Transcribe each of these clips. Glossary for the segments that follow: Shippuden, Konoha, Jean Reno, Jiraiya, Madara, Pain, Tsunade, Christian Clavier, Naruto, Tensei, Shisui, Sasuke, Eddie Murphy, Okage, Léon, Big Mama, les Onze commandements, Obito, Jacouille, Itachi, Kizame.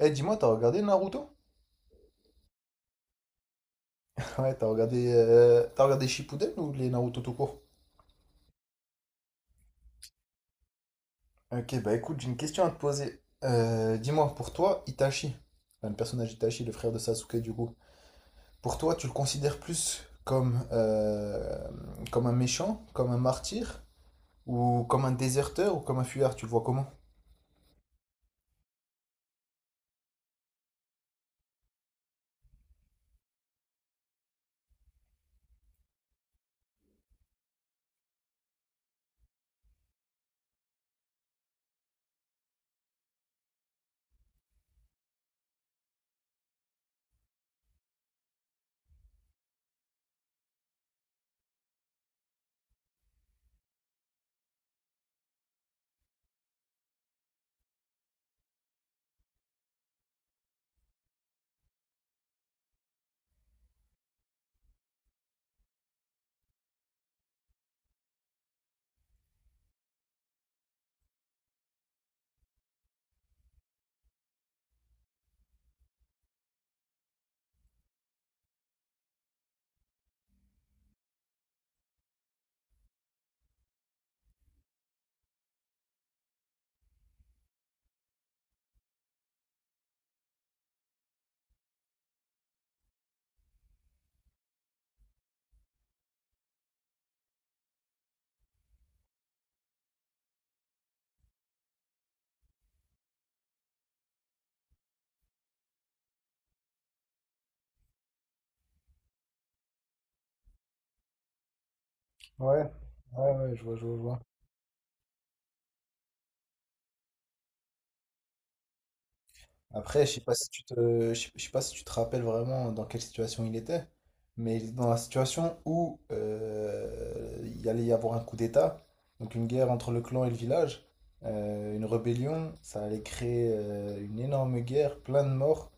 Eh, dis-moi, t'as regardé Naruto? Ouais, t'as regardé Shippuden ou les Naruto tout court? Ok, bah écoute, j'ai une question à te poser. Dis-moi, pour toi, Itachi, enfin, le personnage Itachi, le frère de Sasuke du coup, pour toi, tu le considères plus comme, comme un méchant, comme un martyr, ou comme un déserteur, ou comme un fuyard? Tu le vois comment? Ouais, ouais, ouais, je vois, je vois, je vois. Après, je sais pas si tu te rappelles vraiment dans quelle situation il était, mais il était dans la situation où il allait y avoir un coup d'État, donc une guerre entre le clan et le village, une rébellion, ça allait créer une énorme guerre, plein de morts,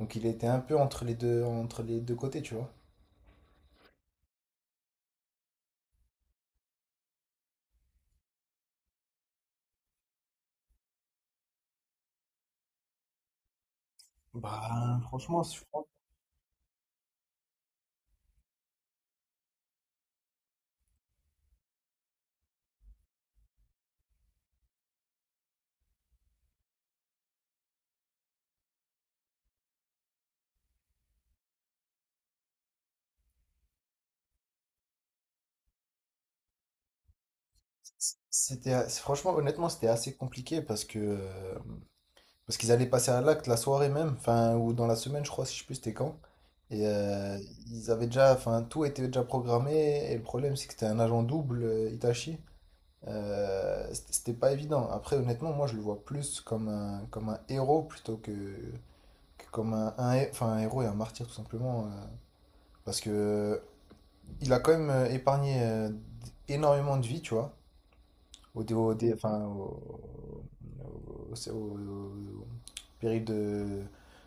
donc il était un peu entre les deux côtés, tu vois. Bah, franchement, je pense que c'était, franchement, honnêtement, c'était assez compliqué parce que parce qu'ils allaient passer à l'acte la soirée même, enfin, ou dans la semaine, je crois, si je sais plus, c'était quand. Et ils avaient déjà, enfin, tout était déjà programmé. Et le problème, c'est que c'était un agent double, Itachi. C'était pas évident. Après, honnêtement, moi, je le vois plus comme comme un héros plutôt que comme enfin, un héros et un martyr, tout simplement. Parce que il a quand même épargné énormément de vies, tu vois enfin, au- au- au- péril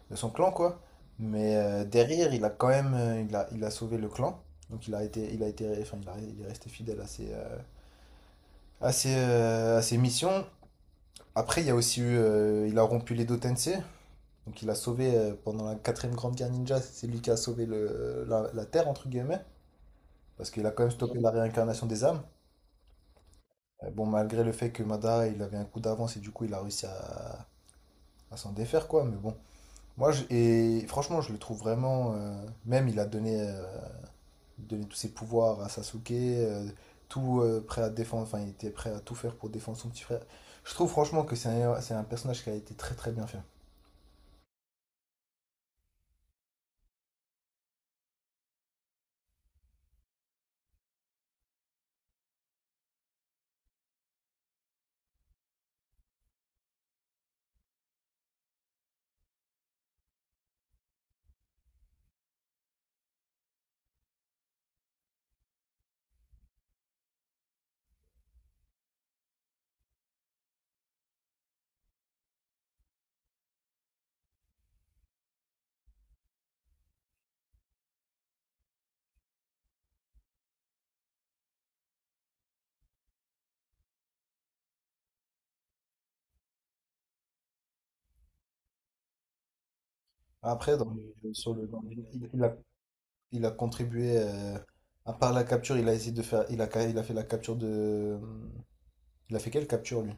de son clan, quoi. Mais derrière, il a quand même il a sauvé le clan. Donc il a été, enfin, il est resté fidèle à ses, à ses, à ses missions. Après, il y a aussi eu, il a rompu les deux Tensei. Donc il a sauvé, pendant la quatrième grande guerre ninja, c'est lui qui a sauvé la Terre, entre guillemets. Parce qu'il a quand même stoppé la réincarnation des âmes. Bon, malgré le fait que Madara, il avait un coup d'avance et du coup, il a réussi à s'en défaire, quoi. Mais bon, et franchement, je le trouve vraiment. Même, il a donné, donné tous ses pouvoirs à Sasuke, tout prêt à défendre. Enfin, il était prêt à tout faire pour défendre son petit frère. Je trouve franchement que c'est c'est un personnage qui a été très très bien fait. Après, le- sur le, dans le- il, il a, il a contribué. À part la capture, il a essayé de faire. Il a fait la capture de. Il a fait quelle capture lui?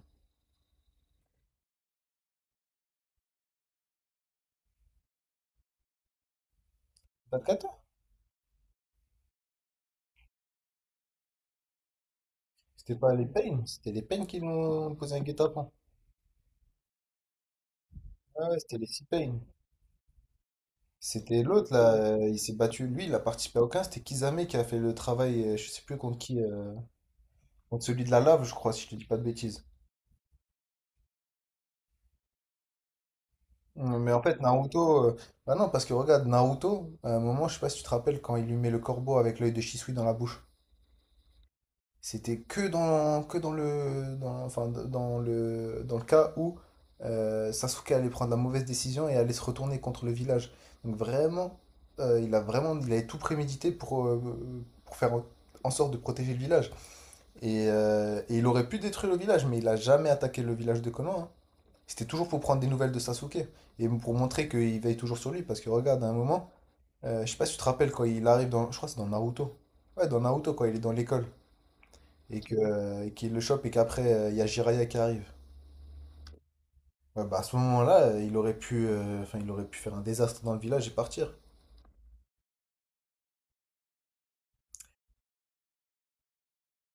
Pas de c'était pas les Pain, c'était les Pain qui nous posaient un guet-apens. Ah ouais, c'était les Six Pain. C'était l'autre là, il s'est battu, lui, il a participé à aucun, c'était Kizame qui a fait le travail, je sais plus contre qui, contre celui de la lave, je crois, si je te dis pas de bêtises. Mm, mais en fait, Naruto, bah non, parce que regarde, Naruto, à un moment, je sais pas si tu te rappelles, quand il lui met le corbeau avec l'œil de Shisui dans la bouche, c'était que dans enfin, dans le cas où Sasuke allait prendre la mauvaise décision et allait se retourner contre le village. Donc vraiment, il a vraiment, il avait tout prémédité pour faire en sorte de protéger le village. Et il aurait pu détruire le village, mais il a jamais attaqué le village de Konoha, hein. C'était toujours pour prendre des nouvelles de Sasuke et pour montrer qu'il veille toujours sur lui. Parce que regarde, à un moment, je sais pas si tu te rappelles quand il arrive dans. Je crois que c'est dans Naruto. Ouais, dans Naruto, quand il est dans l'école et que, et qu'il le chope et qu'après, il y a Jiraiya qui arrive. Ouais, bah à ce moment-là, il aurait pu, enfin, il aurait pu faire un désastre dans le village et partir.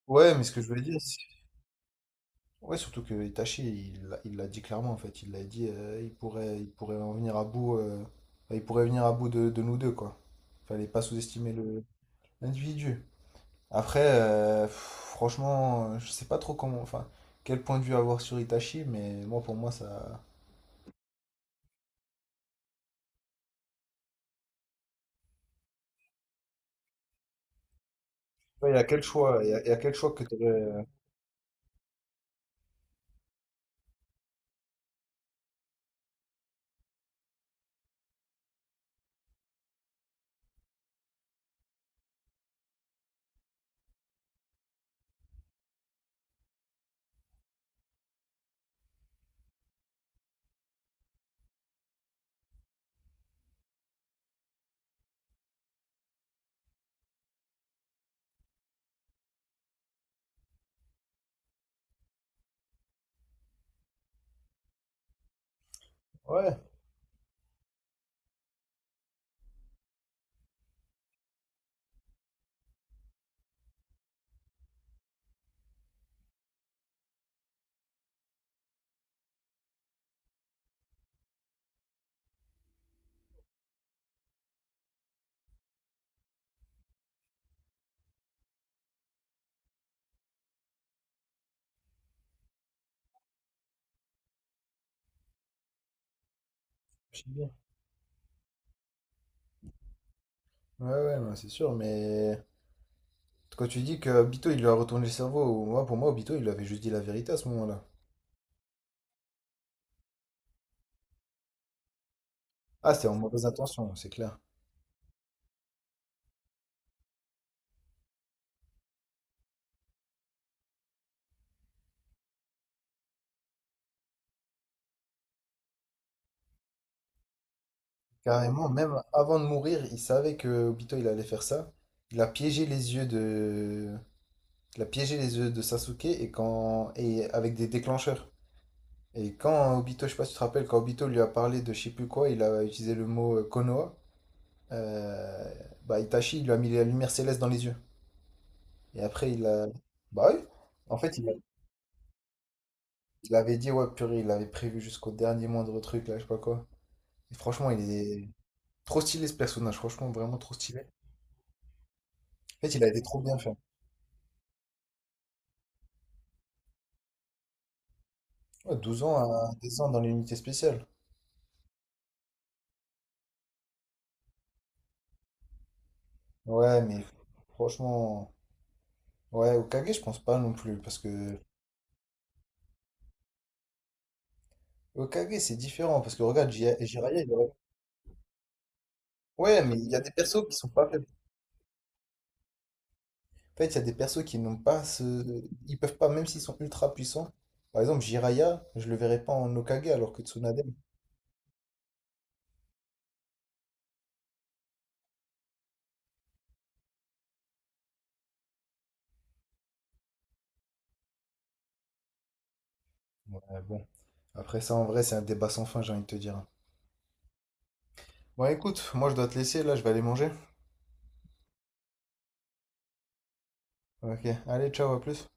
Ouais, mais ce que je veux dire, c'est ouais, surtout que Itachi, il l'a dit clairement en fait. Il l'a dit, il pourrait en venir à bout. Enfin, il pourrait venir à bout de nous deux, quoi. Fallait pas sous-estimer le l'individu. Après, pff, franchement, je sais pas trop comment, enfin, quel point de vue avoir sur Itachi, mais moi, pour moi, ça. Ouais, il y a quel choix, il y a quel choix que t'aurais. Ouais, je sais bien. Ouais, ouais, non, c'est sûr, mais quand tu dis que Obito, il lui a retourné le cerveau, moi, pour moi, Obito, il lui avait juste dit la vérité à ce moment-là. Ah, c'était en mauvaise intention, c'est clair. Carrément, même avant de mourir, il savait que Obito il allait faire ça. Il a piégé les yeux de, il a piégé les yeux de Sasuke et avec des déclencheurs. Et quand Obito, je sais pas si tu te rappelles, quand Obito lui a parlé de je sais plus quoi, il a utilisé le mot Konoha. euh, Bah Itachi, il lui a mis la lumière céleste dans les yeux. Et après, bah oui. En fait, il avait dit ouais purée, il avait prévu jusqu'au dernier moindre truc là, je sais pas quoi. Et franchement, il est trop stylé ce personnage. Franchement, vraiment trop stylé. En fait, il a été trop bien fait. Ouais, 12 ans à 10 ans dans l'unité spéciale. Ouais, mais franchement, ouais, Okage, je pense pas non plus, parce que Okage, c'est différent, parce que regarde, Jiraiya, il aurait- Ouais, mais il y a des persos qui sont pas faits. En fait, il y a des persos qui n'ont pas ce... Ils peuvent pas, même s'ils sont ultra puissants. Par exemple, Jiraiya, je le verrais pas en Okage, alors que Tsunade... Ouais, bon. Après ça, en vrai, c'est un débat sans fin, j'ai envie de te dire. Bon, écoute, moi, je dois te laisser, là, je vais aller manger. Ok, allez, ciao, à plus.